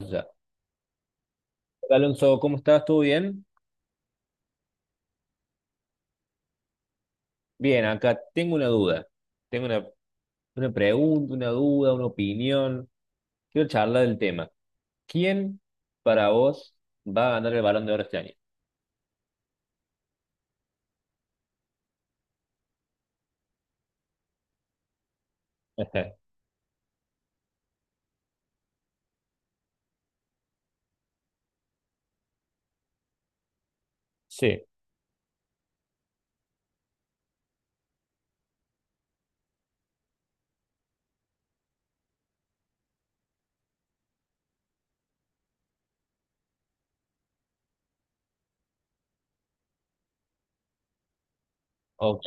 Ya. Hola, Alonso, ¿cómo estás? ¿Todo bien? Bien, acá tengo una duda. Tengo una pregunta, una duda, una opinión. Quiero charlar del tema. ¿Quién para vos va a ganar el Balón de Oro este año? Ajá. Sí, ok.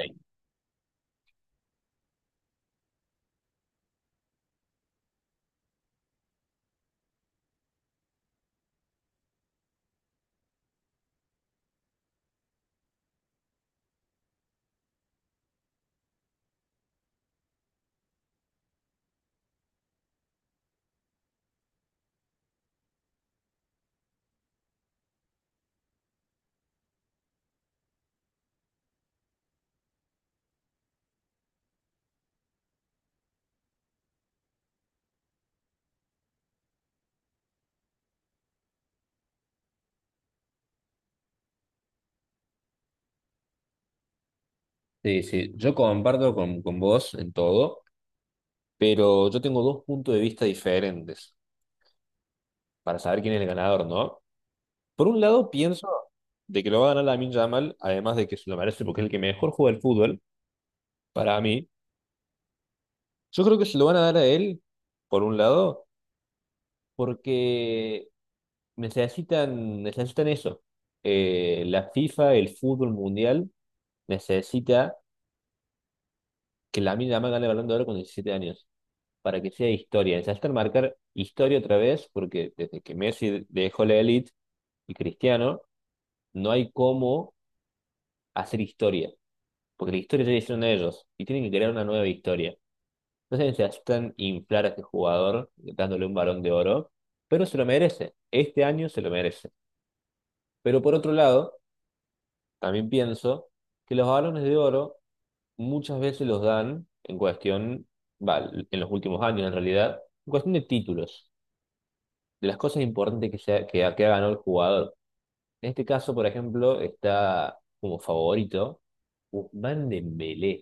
Sí, sí, yo comparto con vos en todo, pero yo tengo dos puntos de vista diferentes para saber quién es el ganador, ¿no? Por un lado, pienso de que lo va a ganar Lamine Yamal, además de que se lo merece porque es el que mejor juega el fútbol, para mí. Yo creo que se lo van a dar a él, por un lado, porque necesitan eso. La FIFA, el fútbol mundial, necesita que la Yamal gane el Balón de Oro con 17 años, para que sea historia. Necesitan marcar historia otra vez, porque desde que Messi dejó la élite y Cristiano, no hay cómo hacer historia, porque la historia ya la hicieron ellos y tienen que crear una nueva historia. No sé si necesitan inflar a este jugador dándole un balón de oro, pero se lo merece. Este año se lo merece. Pero por otro lado, también pienso que los balones de oro muchas veces los dan en cuestión, va, en los últimos años en realidad, en cuestión de títulos, de las cosas importantes que, se ha- que, ha- que ha ganado el jugador. En este caso, por ejemplo, está como favorito Ousmane Dembélé.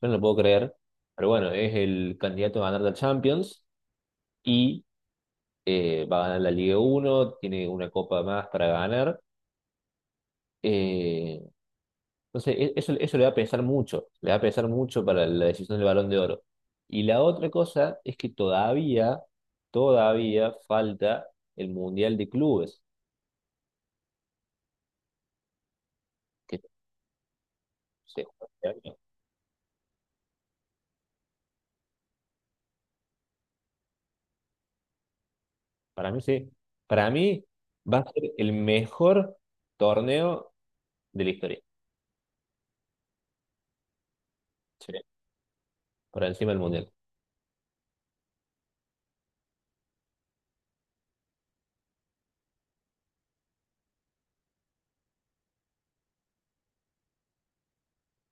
Yo no lo puedo creer, pero bueno, es el candidato a ganar la Champions. Y va a ganar la Liga 1, tiene una copa más para ganar. eh, entonces, eso le va a pesar mucho, le va a pesar mucho para la decisión del Balón de Oro. Y la otra cosa es que todavía falta el Mundial de Clubes, que se juega este año. Para mí sí. Para mí va a ser el mejor torneo de la historia, sí, por encima del Mundial.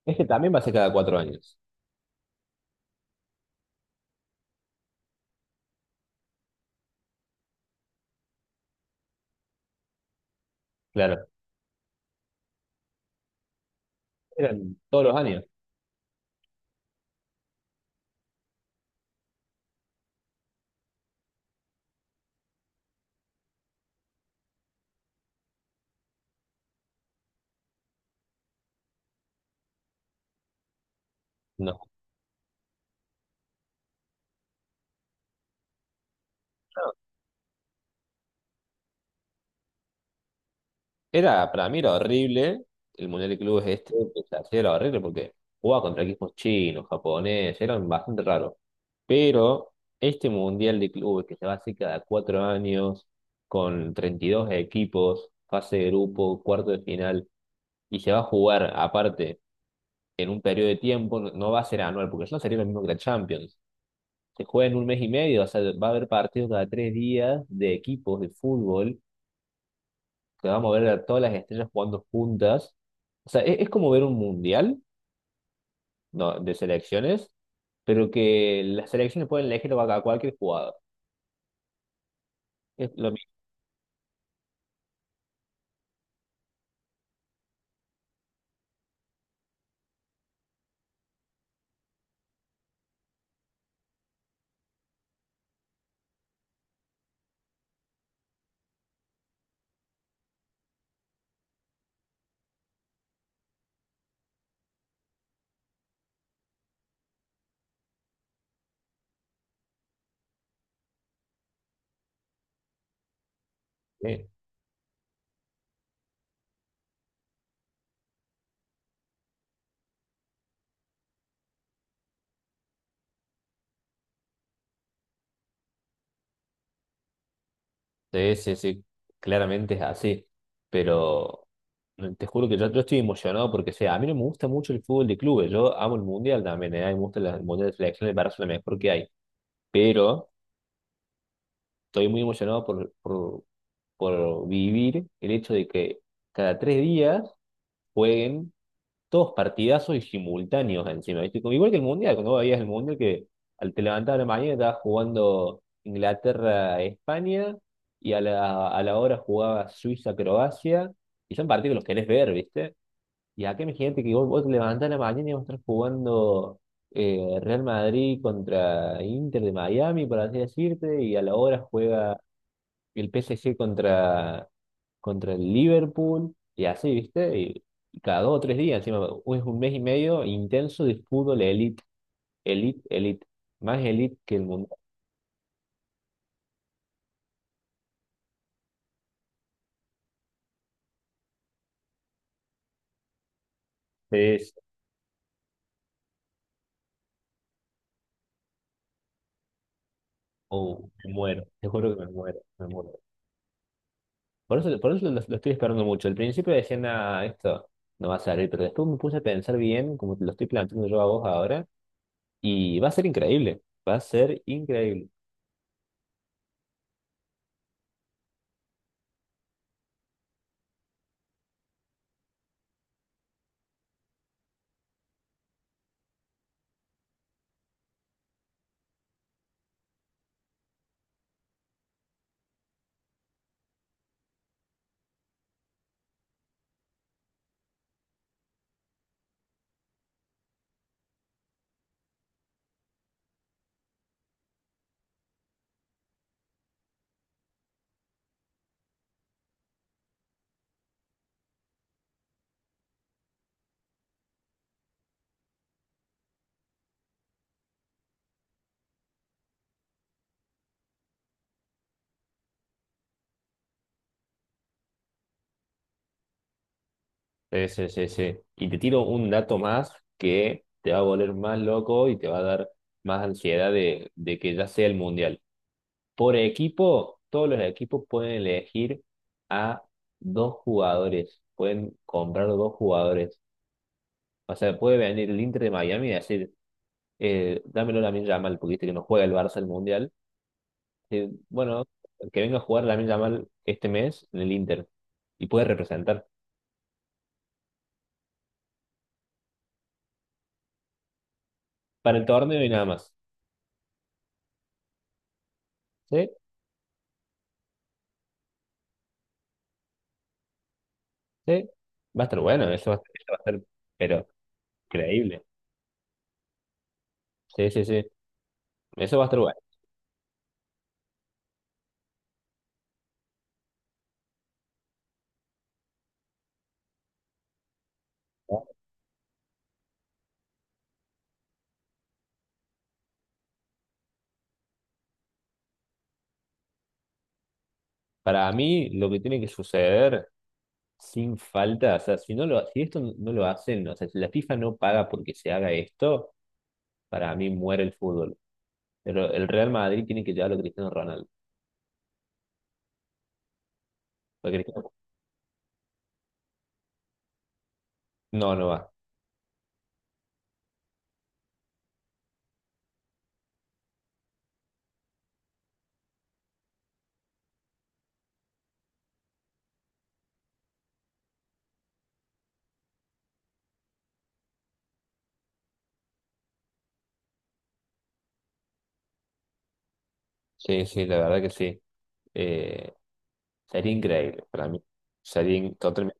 Este también va a ser cada 4 años, claro. Eran todos los años. No. Era, para mí era horrible el Mundial de Clubes este, que se hacía era horrible porque jugaba contra equipos chinos, japoneses, eran bastante raros. Pero este Mundial de Clubes que se va a hacer cada 4 años, con 32 equipos, fase de grupo, cuarto de final, y se va a jugar aparte en un periodo de tiempo, no, no va a ser anual, porque eso no sería lo mismo que la Champions. Se juega en un mes y medio, o sea, va a haber partidos cada 3 días de equipos de fútbol que vamos a ver a todas las estrellas jugando juntas. O sea, es como ver un mundial, ¿no? De selecciones, pero que las selecciones pueden elegir a cualquier jugador. Es lo mismo. ¿Eh? Sí, sí, sí, claramente es así. Pero te juro que yo estoy emocionado porque, o sea, a mí no me gusta mucho el fútbol de clubes. Yo amo el mundial también, ¿eh? A mí me gusta el mundial de selecciones, me parece lo mejor que hay. Pero estoy muy emocionado por vivir el hecho de que cada 3 días jueguen todos partidazos y simultáneos encima, ¿viste? Como igual que el Mundial, cuando vos veías el Mundial que al te levantar a la mañana estabas jugando Inglaterra-España y a a la hora jugaba Suiza-Croacia y son partidos que los querés ver, ¿viste? Y acá imagínate que vos te levantás a la mañana y vas a estar jugando Real Madrid contra Inter de Miami, por así decirte, y a la hora juega el PSG contra el Liverpool y así, ¿viste? Y cada dos o tres días, encima, u- es un mes y medio intenso de fútbol elite, elite, elite, más elite que el mundo. Es, oh, me muero, te juro que me muero, me muero. Por eso lo estoy esperando mucho. Al principio decía, nada, esto no va a salir, pero después me puse a pensar bien, como te lo estoy planteando yo a vos ahora, y va a ser increíble, va a ser increíble. Sí, sí, sí, sí. Y te tiro un dato más que te va a volver más loco y te va a dar más ansiedad de que ya sea el mundial. Por equipo, todos los equipos pueden elegir a 2 jugadores, pueden comprar 2 jugadores. O sea, puede venir el Inter de Miami y decir, dámelo a Lamine Yamal, porque viste que no juega el Barça el mundial. Eh, bueno, que venga a jugar Lamine Yamal este mes en el Inter y puede representar para el torneo y nada más. ¿Sí? Sí, va a estar bueno, eso va a ser, pero increíble. Sí, sí, sí, eso va a estar bueno. ¿No? Para mí, lo que tiene que suceder sin falta, o sea, si esto no lo hacen, o sea, si la FIFA no paga porque se haga esto, para mí muere el fútbol. Pero el Real Madrid tiene que llevarlo a Cristiano Ronaldo. Porque Cristiano- no, no va. Sí, sí, la verdad que sí. Eh, Sería increíble para mí. Totalmente.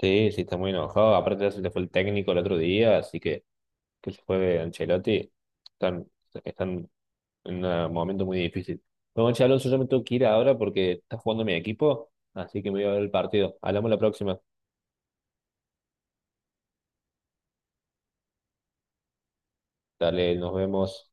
Sí, sí, está muy enojado. Aparte, ya se le fue el técnico el otro día, así que. Que se fue Ancelotti, están, están en un momento muy difícil. Bueno, che, Alonso, yo me tengo que ir ahora porque está jugando mi equipo, así que me voy a ver el partido. Hablamos la próxima. Dale, nos vemos.